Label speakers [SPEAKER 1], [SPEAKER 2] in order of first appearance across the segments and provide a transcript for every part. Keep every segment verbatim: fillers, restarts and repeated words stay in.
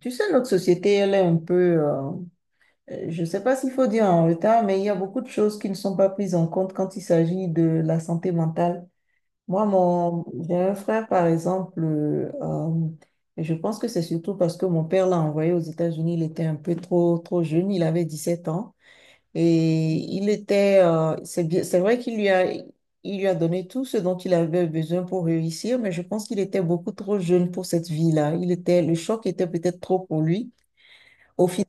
[SPEAKER 1] Tu sais, notre société, elle est un peu, euh, euh, je ne sais pas s'il faut dire en retard, mais il y a beaucoup de choses qui ne sont pas prises en compte quand il s'agit de la santé mentale. Moi, mon, j'ai un frère, par exemple, euh, euh, je pense que c'est surtout parce que mon père l'a envoyé aux États-Unis, il était un peu trop, trop jeune, il avait dix-sept ans, et il était, euh, c'est bien, c'est vrai qu'il lui a, il lui a donné tout ce dont il avait besoin pour réussir, mais je pense qu'il était beaucoup trop jeune pour cette vie-là. Il était, le choc était peut-être trop pour lui. Au final,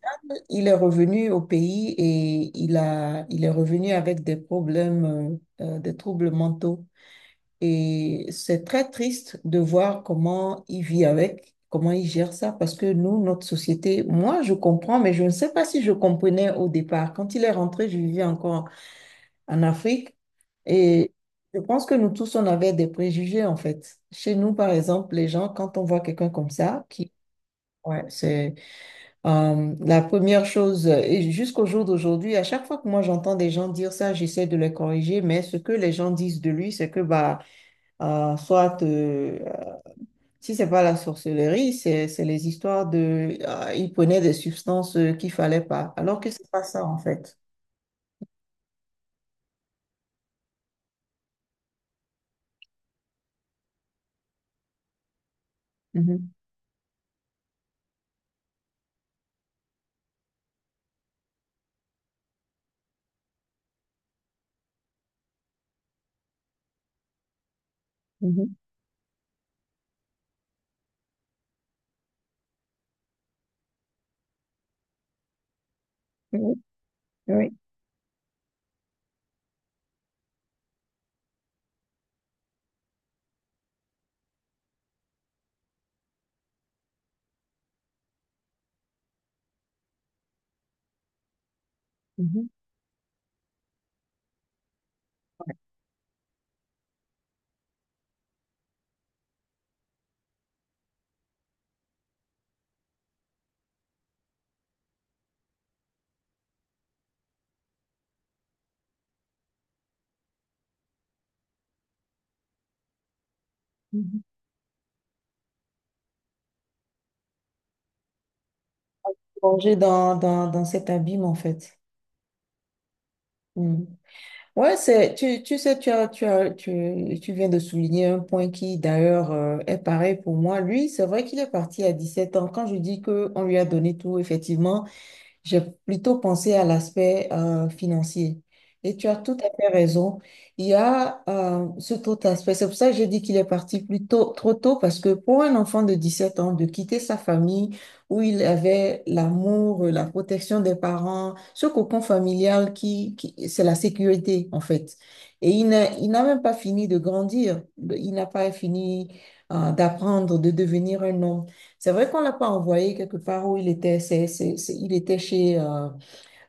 [SPEAKER 1] il est revenu au pays et il a, il est revenu avec des problèmes, euh, euh, des troubles mentaux. Et c'est très triste de voir comment il vit avec, comment il gère ça, parce que nous, notre société, moi, je comprends, mais je ne sais pas si je comprenais au départ. Quand il est rentré, je vivais encore en Afrique et je pense que nous tous, on avait des préjugés, en fait. Chez nous, par exemple, les gens, quand on voit quelqu'un comme ça, qui, ouais, c'est euh, la première chose, et jusqu'au jour d'aujourd'hui, à chaque fois que moi j'entends des gens dire ça, j'essaie de les corriger, mais ce que les gens disent de lui, c'est que bah, euh, soit euh, si c'est pas la sorcellerie, c'est c'est les histoires de euh, il prenait des substances euh, qu'il fallait pas, alors que c'est pas ça en fait. Mhm, mhm, oui, oui. Mhm, mhm. Plonger dans, dans, dans cet abîme en fait. Ouais, c'est, tu, tu sais, tu as, tu as, tu, tu viens de souligner un point qui, d'ailleurs, euh, est pareil pour moi. Lui, c'est vrai qu'il est parti à dix-sept ans. Quand je dis qu'on lui a donné tout, effectivement, j'ai plutôt pensé à l'aspect euh, financier. Et tu as tout à fait raison. Il y a euh, cet autre aspect. C'est pour ça que j'ai dit qu'il est parti plus tôt, trop tôt, parce que pour un enfant de dix-sept ans, de quitter sa famille où il avait l'amour, la protection des parents, ce cocon familial qui, qui- c'est la sécurité, en fait. Et il n'a, il n'a même pas fini de grandir. Il n'a pas fini euh, d'apprendre, de devenir un homme. C'est vrai qu'on l'a pas envoyé quelque part où il était. C'est, c'est, c'est- il était chez euh,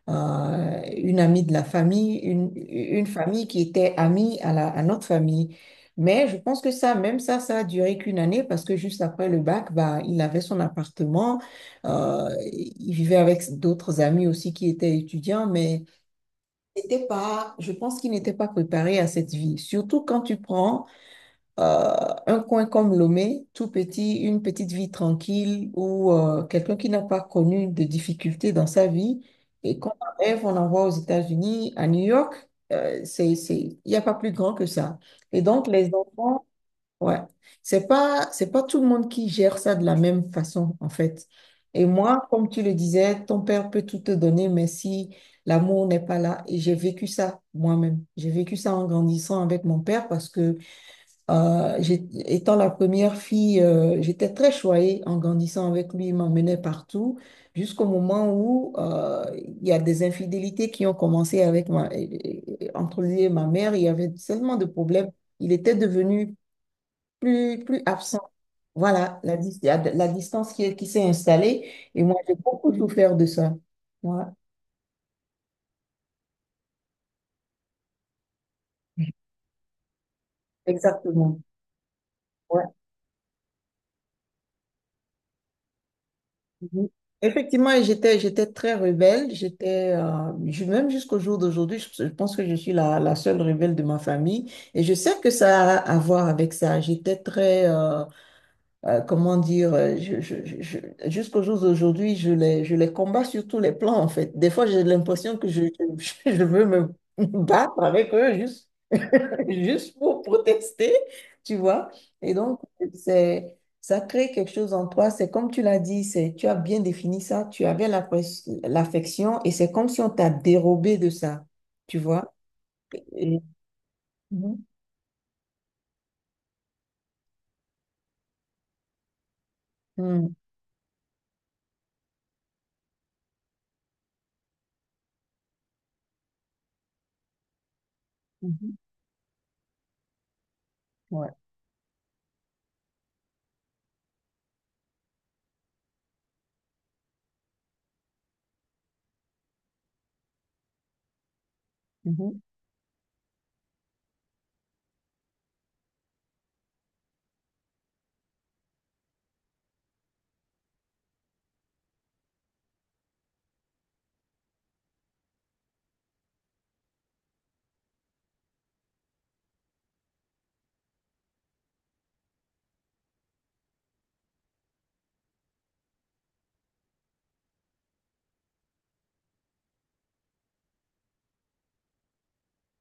[SPEAKER 1] euh, une amie de la famille, une, une famille qui était amie à, la, à notre famille. Mais je pense que ça, même ça, ça a duré qu'une année parce que juste après le bac, bah, il avait son appartement. Euh, il vivait avec d'autres amis aussi qui étaient étudiants, mais c'était pas, je pense qu'il n'était pas préparé à cette vie. Surtout quand tu prends euh, un coin comme Lomé, tout petit, une petite vie tranquille où euh, quelqu'un qui n'a pas connu de difficultés dans sa vie et qu'on en rêve, on envoie aux États-Unis, à New York, euh, c'est, c'est, il n'y a pas plus grand que ça. Et donc, les enfants, ouais, c'est pas, c'est pas tout le monde qui gère ça de la même façon, en fait. Et moi, comme tu le disais, ton père peut tout te donner, mais si l'amour n'est pas là, et j'ai vécu ça moi-même, j'ai vécu ça en grandissant avec mon père parce que euh, j'ai- étant la première fille, euh, j'étais très choyée en grandissant avec lui. Il m'emmenait partout jusqu'au moment où euh, il y a des infidélités qui ont commencé avec ma, et- et- entre lui et ma mère. Il y avait tellement de problèmes. Il était devenu plus, plus absent. Voilà, la, dis- la, la distance qui, est- qui s'est installée. Et moi, j'ai beaucoup souffert de ça. Voilà, exactement. Mhm. Effectivement, j'étais, j'étais très rebelle. J'étais, euh, je- même jusqu'au jour d'aujourd'hui, je, je pense que je suis la, la seule rebelle de ma famille. Et je sais que ça a à voir avec ça. J'étais très, euh, euh, comment dire, euh, je, je, je- je- jusqu'au jour d'aujourd'hui, je les, je les combats sur tous les plans, en fait. Des fois, j'ai l'impression que je, je, je veux me battre avec eux, juste juste pour protester, tu vois. Et donc, c'est, ça crée quelque chose en toi. C'est comme tu l'as dit, c'est, tu as bien défini ça, tu avais la l'affection et c'est comme si on t'a dérobé de ça, tu vois. Et- Mhm. Mhm. Mhm. Ouais. Mhm.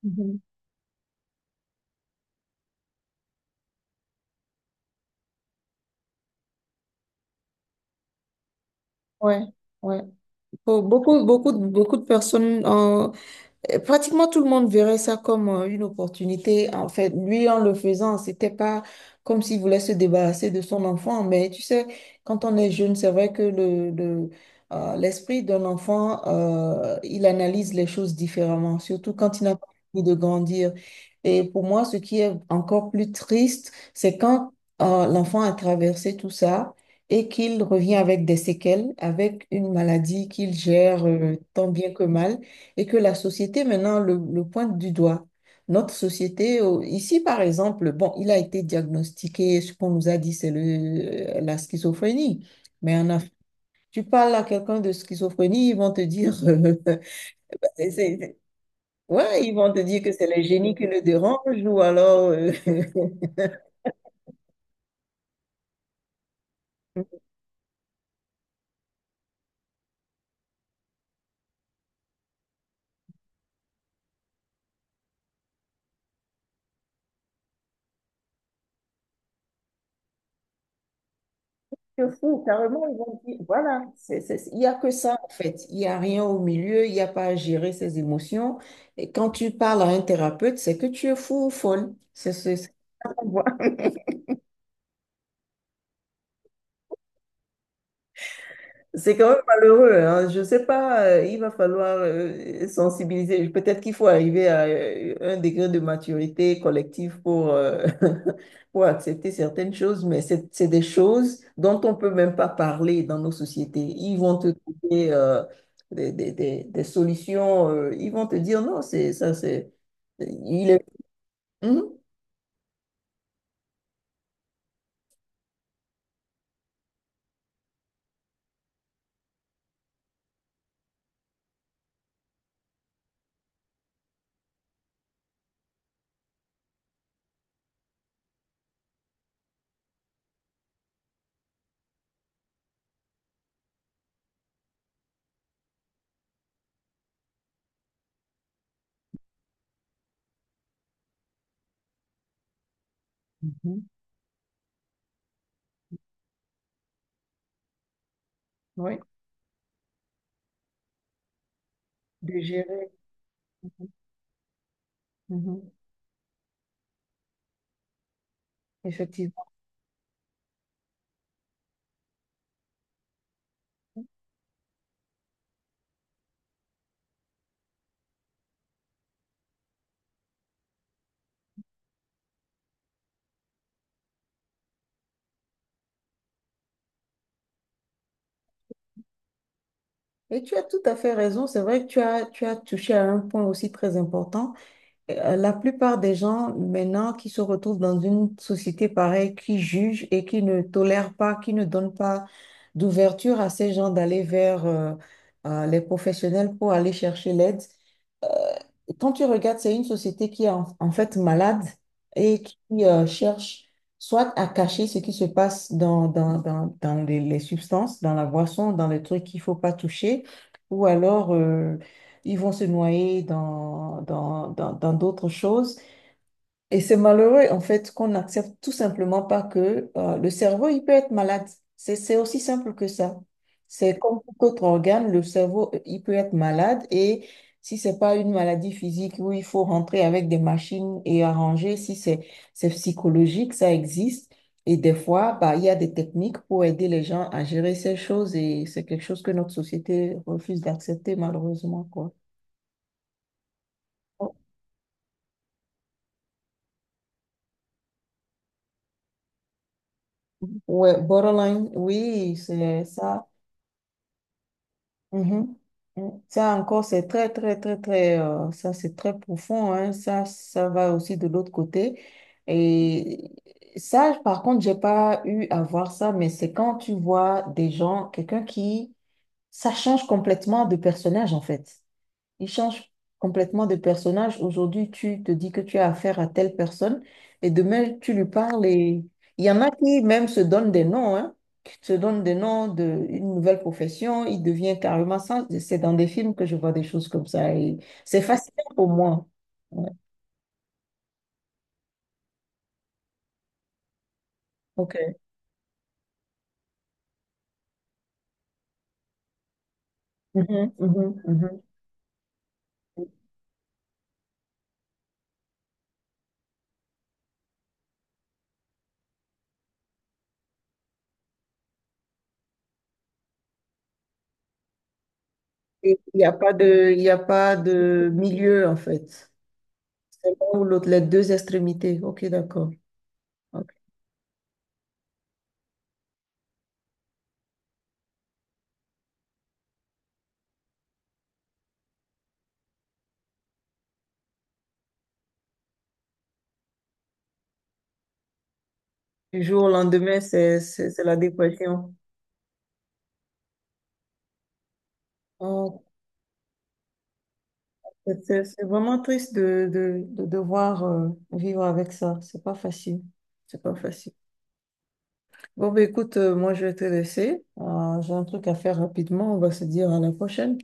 [SPEAKER 1] Mhm. Ouais. Ouais. Pour beaucoup, beaucoup, de- beaucoup de personnes. Euh, Pratiquement tout le monde verrait ça comme euh, une opportunité. En fait, lui, en le faisant, c'était pas comme s'il voulait se débarrasser de son enfant. Mais tu sais, quand on est jeune, c'est vrai que le, le, euh, l'esprit d'un enfant, euh, il analyse les choses différemment, surtout quand il n'a pas envie de grandir. Et pour moi, ce qui est encore plus triste, c'est quand euh, l'enfant a traversé tout ça et qu'il revient avec des séquelles, avec une maladie qu'il gère euh, tant bien que mal et que la société maintenant le, le pointe du doigt. Notre société, au- ici par exemple, bon, il a été diagnostiqué, ce qu'on nous a dit, c'est le, euh, la schizophrénie. Mais en Afrique, tu parles à quelqu'un de schizophrénie, ils vont te dire, euh, c'est- c'est- ouais, ils vont te dire que c'est le génie qui le dérange ou alors, euh, c'est fou, carrément, ils vont dire, voilà, c'est, c'est- il n'y a que ça en fait. Il n'y a rien au milieu, il n'y a pas à gérer ses émotions. Et quand tu parles à un thérapeute, c'est que tu es fou ou folle. C'est ce- Voilà. C'est quand même malheureux, hein. Je ne sais pas, euh, il va falloir euh, sensibiliser. Peut-être qu'il faut arriver à euh, un degré de maturité collective pour, euh, pour accepter certaines choses, mais c'est c'est des choses dont on ne peut même pas parler dans nos sociétés. Ils vont te trouver euh, des, des, des, des solutions, euh, ils vont te dire non, c'est ça, c'est. Il est. Mhm. Mhm. Oui, de gérer. Mhm. Effectivement. Et tu as tout à fait raison. C'est vrai que tu as, tu as touché à un point aussi très important. Euh, la plupart des gens maintenant qui se retrouvent dans une société pareille, qui jugent et qui ne tolèrent pas, qui ne donnent pas d'ouverture à ces gens d'aller vers euh, euh, les professionnels pour aller chercher l'aide. euh, Quand tu regardes, c'est une société qui est en, en fait malade et qui euh, cherche soit à cacher ce qui se passe dans, dans, dans, dans les, les substances, dans la boisson, dans les trucs qu'il faut pas toucher, ou alors euh, ils vont se noyer dans, dans, dans, dans d'autres choses et c'est malheureux, en fait, qu'on n'accepte tout simplement pas que euh, le cerveau, il peut être malade. C'est, c'est aussi simple que ça. C'est comme tout autre organe, le cerveau, euh, il peut être malade et si c'est pas une maladie physique où il faut rentrer avec des machines et arranger, si c'est, c'est psychologique, ça existe. Et des fois, bah, il y a des techniques pour aider les gens à gérer ces choses et c'est quelque chose que notre société refuse d'accepter, malheureusement, quoi. Ouais, borderline, oui, c'est ça. Mhm. Mm. Ça encore, c'est très, très, très, très, euh, ça c'est très profond, hein. Ça, ça va aussi de l'autre côté. Et ça, par contre, j'ai pas eu à voir ça, mais c'est quand tu vois des gens, quelqu'un qui, ça change complètement de personnage en fait. Il change complètement de personnage. Aujourd'hui, tu te dis que tu as affaire à telle personne et demain, tu lui parles et il y en a qui même se donnent des noms, hein, qui se donnent des noms d'une nouvelle profession. Il devient carrément ça. C'est dans des films que je vois des choses comme ça et c'est fascinant pour moi. Ouais, ok. Mhm, mhm, mhm. Et il n'y a pas de, il y a pas de milieu en fait. C'est l'un ou l'autre, les deux extrémités. Ok, d'accord. Ok. Du jour au lendemain, c'est c'est- c'est la dépression. Ok. C'est c'est- c'est vraiment triste de, de, de devoir euh, vivre avec ça. C'est pas facile. C'est pas facile. Bon, bah, écoute, euh, moi, je vais te laisser. Euh, j'ai un truc à faire rapidement. On va se dire à la prochaine.